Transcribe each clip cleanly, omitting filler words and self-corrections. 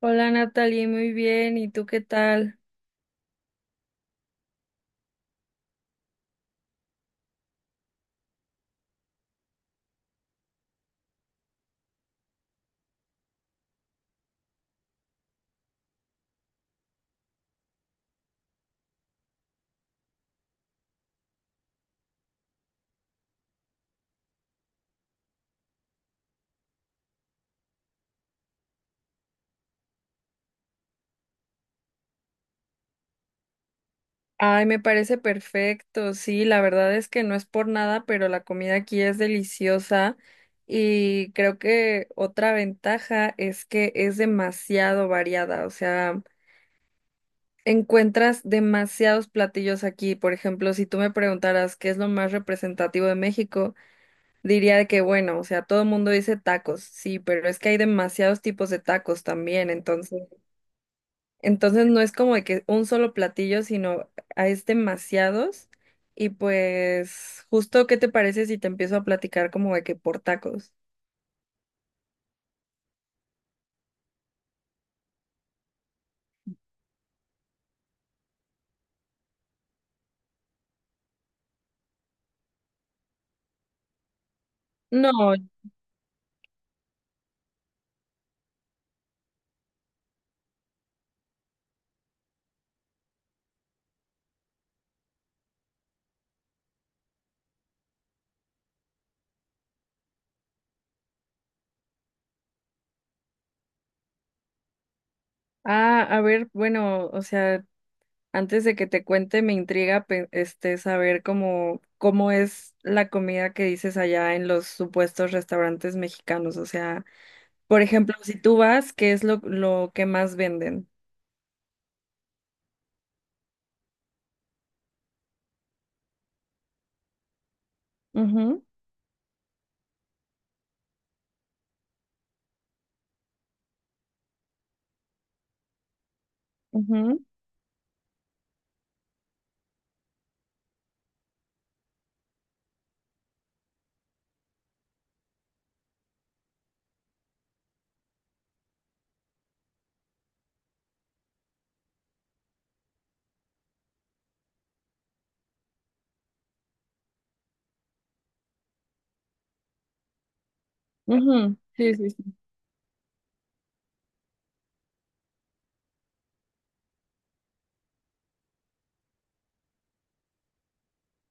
Hola Natalie, muy bien. ¿Y tú qué tal? Ay, me parece perfecto. Sí, la verdad es que no es por nada, pero la comida aquí es deliciosa y creo que otra ventaja es que es demasiado variada. O sea, encuentras demasiados platillos aquí. Por ejemplo, si tú me preguntaras qué es lo más representativo de México, diría de que bueno, o sea, todo el mundo dice tacos, sí, pero es que hay demasiados tipos de tacos también, entonces. Entonces no es como de que un solo platillo, sino es demasiados. Y pues, justo, ¿qué te parece si te empiezo a platicar como de que por tacos? No, a ver, bueno, o sea, antes de que te cuente, me intriga este saber cómo, cómo es la comida que dices allá en los supuestos restaurantes mexicanos. O sea, por ejemplo, si tú vas, ¿qué es lo que más venden? Ujú, ujú, ujú. Sí, sí, sí.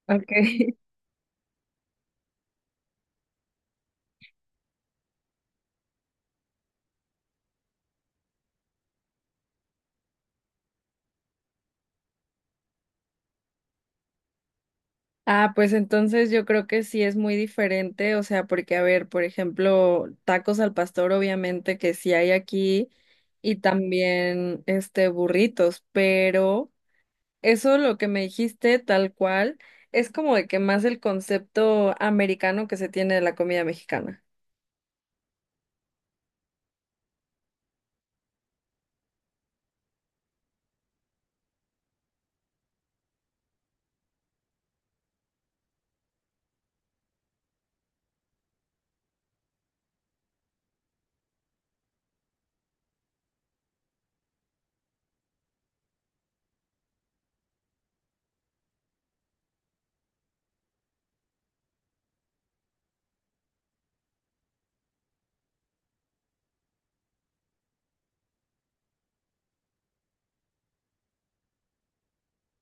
Ok. Ah, pues entonces yo creo que sí es muy diferente, o sea, porque a ver, por ejemplo, tacos al pastor obviamente que sí hay aquí y también este burritos, pero eso lo que me dijiste tal cual es como de que más el concepto americano que se tiene de la comida mexicana.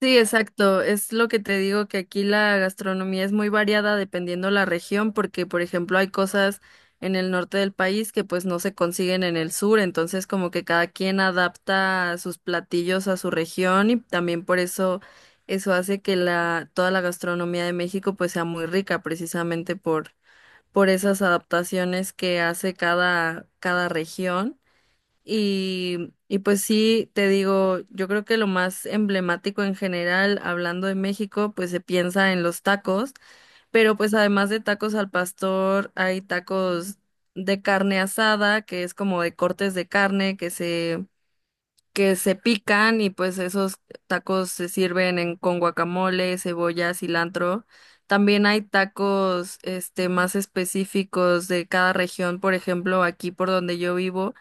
Sí, exacto. Es lo que te digo que aquí la gastronomía es muy variada dependiendo la región, porque por ejemplo hay cosas en el norte del país que pues no se consiguen en el sur, entonces como que cada quien adapta sus platillos a su región y también por eso eso hace que la toda la gastronomía de México pues sea muy rica precisamente por esas adaptaciones que hace cada región. Y pues sí, te digo, yo creo que lo más emblemático en general, hablando de México, pues se piensa en los tacos, pero pues además de tacos al pastor, hay tacos de carne asada, que es como de cortes de carne que se pican y pues esos tacos se sirven en, con guacamole, cebolla, cilantro. También hay tacos, este, más específicos de cada región, por ejemplo, aquí por donde yo vivo.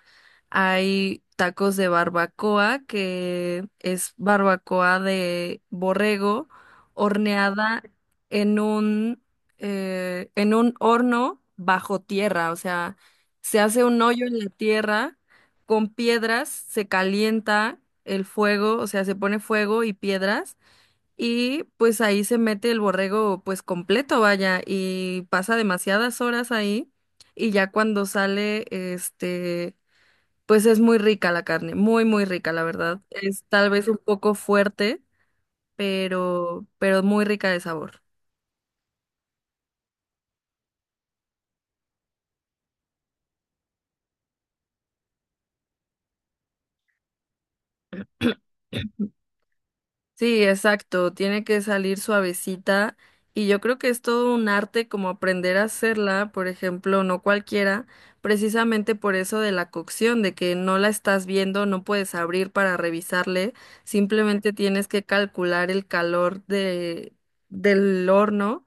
Hay tacos de barbacoa, que es barbacoa de borrego horneada en un, en un horno bajo tierra. O sea, se hace un hoyo en la tierra con piedras, se calienta el fuego, o sea, se pone fuego y piedras. Y pues ahí se mete el borrego pues completo, vaya, y pasa demasiadas horas ahí. Y ya cuando sale, este pues es muy rica la carne, muy, muy rica, la verdad. Es tal vez un poco fuerte, pero muy rica de sabor. Sí, exacto, tiene que salir suavecita y yo creo que es todo un arte como aprender a hacerla, por ejemplo, no cualquiera, precisamente por eso de la cocción, de que no la estás viendo, no puedes abrir para revisarle, simplemente tienes que calcular el calor de, del horno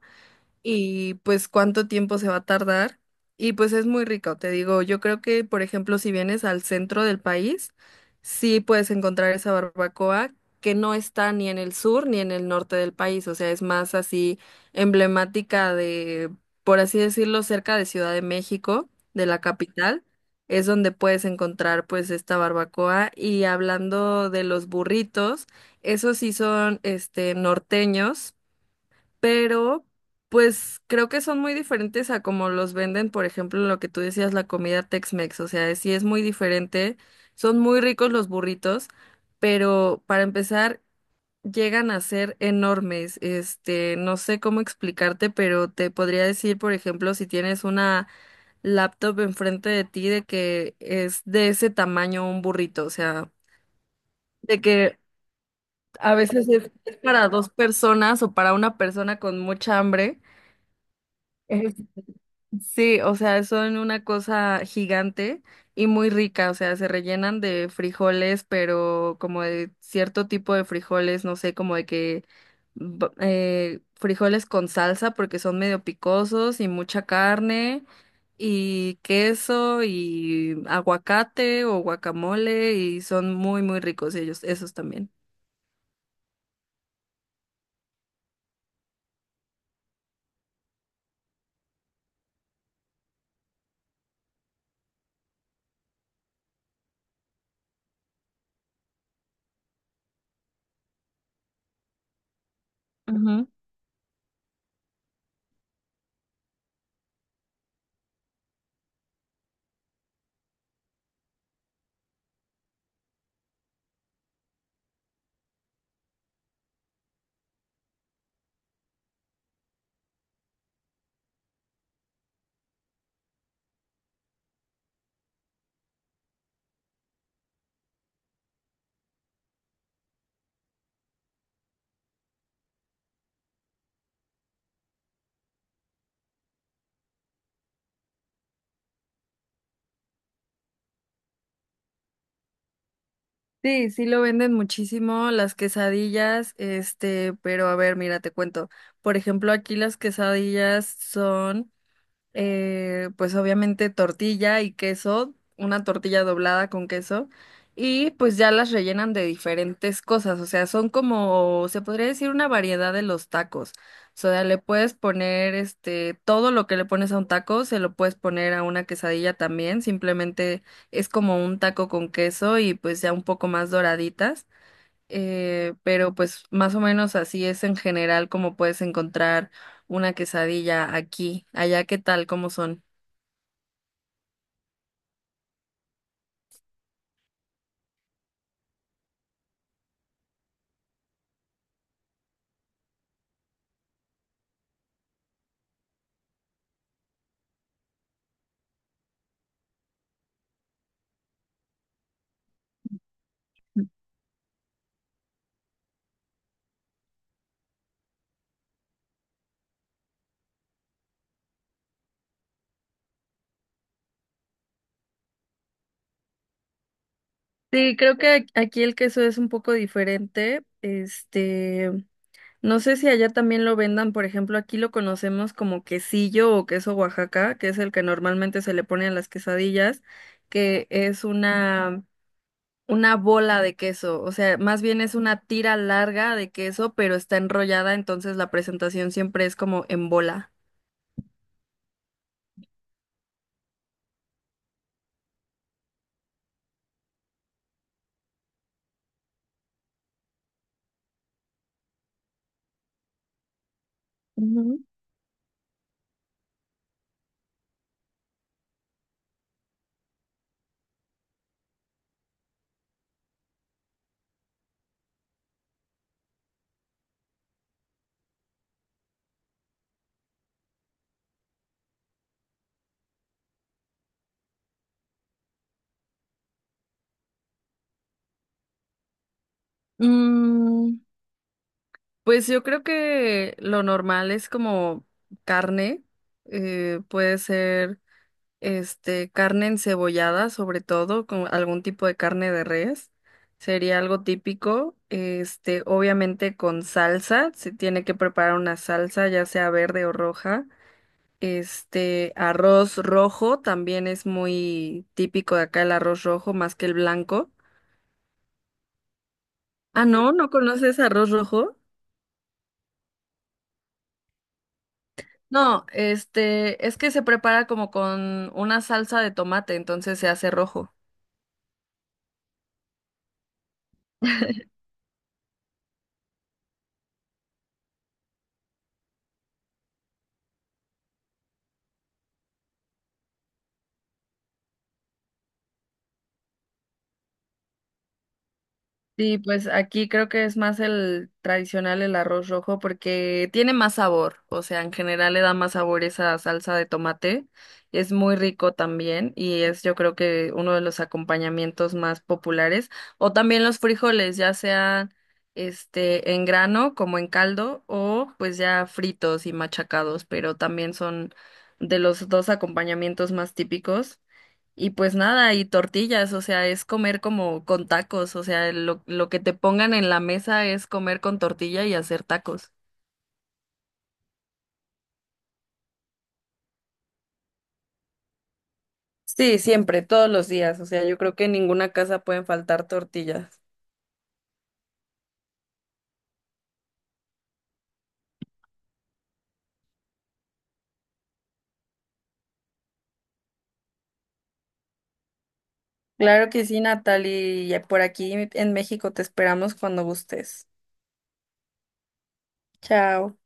y pues cuánto tiempo se va a tardar. Y pues es muy rico, te digo, yo creo que, por ejemplo, si vienes al centro del país, sí puedes encontrar esa barbacoa que no está ni en el sur ni en el norte del país, o sea, es más así emblemática de, por así decirlo, cerca de Ciudad de México, de la capital, es donde puedes encontrar pues esta barbacoa. Y hablando de los burritos, esos sí son este norteños pero pues creo que son muy diferentes a como los venden, por ejemplo, lo que tú decías, la comida Tex-Mex, o sea, sí es muy diferente, son muy ricos los burritos, pero para empezar, llegan a ser enormes, este, no sé cómo explicarte, pero te podría decir, por ejemplo, si tienes una laptop enfrente de ti, de que es de ese tamaño un burrito, o sea, de que a veces es para dos personas o para una persona con mucha hambre. Sí, o sea, son una cosa gigante y muy rica, o sea, se rellenan de frijoles, pero como de cierto tipo de frijoles, no sé, como de que frijoles con salsa porque son medio picosos y mucha carne y queso y aguacate o guacamole y son muy, muy ricos ellos, esos también. Sí, sí lo venden muchísimo las quesadillas, este, pero a ver, mira, te cuento. Por ejemplo, aquí las quesadillas son pues obviamente tortilla y queso, una tortilla doblada con queso, y pues ya las rellenan de diferentes cosas, o sea, son como, se podría decir, una variedad de los tacos. O sea, le puedes poner este, todo lo que le pones a un taco, se lo puedes poner a una quesadilla también, simplemente es como un taco con queso y pues ya un poco más doraditas pero pues más o menos así es en general como puedes encontrar una quesadilla aquí. Allá, ¿qué tal? ¿Cómo son? Sí, creo que aquí el queso es un poco diferente. Este, no sé si allá también lo vendan, por ejemplo, aquí lo conocemos como quesillo o queso Oaxaca, que es el que normalmente se le pone a las quesadillas, que es una bola de queso, o sea, más bien es una tira larga de queso, pero está enrollada, entonces la presentación siempre es como en bola. Ujú. Mm, pues yo creo que lo normal es como carne, puede ser. Este, carne encebollada, sobre todo, con algún tipo de carne de res, sería algo típico. Este, obviamente con salsa, se tiene que preparar una salsa, ya sea verde o roja. Este, arroz rojo también es muy típico de acá el arroz rojo más que el blanco. Ah, no, ¿no conoces arroz rojo? No, este, es que se prepara como con una salsa de tomate, entonces se hace rojo. Sí, pues aquí creo que es más el tradicional, el arroz rojo, porque tiene más sabor, o sea, en general le da más sabor esa salsa de tomate, es muy rico también y es yo creo que uno de los acompañamientos más populares, o también los frijoles, ya sean este en grano como en caldo o pues ya fritos y machacados, pero también son de los dos acompañamientos más típicos. Y pues nada, y tortillas, o sea, es comer como con tacos, o sea, lo que te pongan en la mesa es comer con tortilla y hacer tacos. Sí, siempre, todos los días. O sea, yo creo que en ninguna casa pueden faltar tortillas. Claro que sí, Natalie. Y por aquí en México te esperamos cuando gustes. Chao.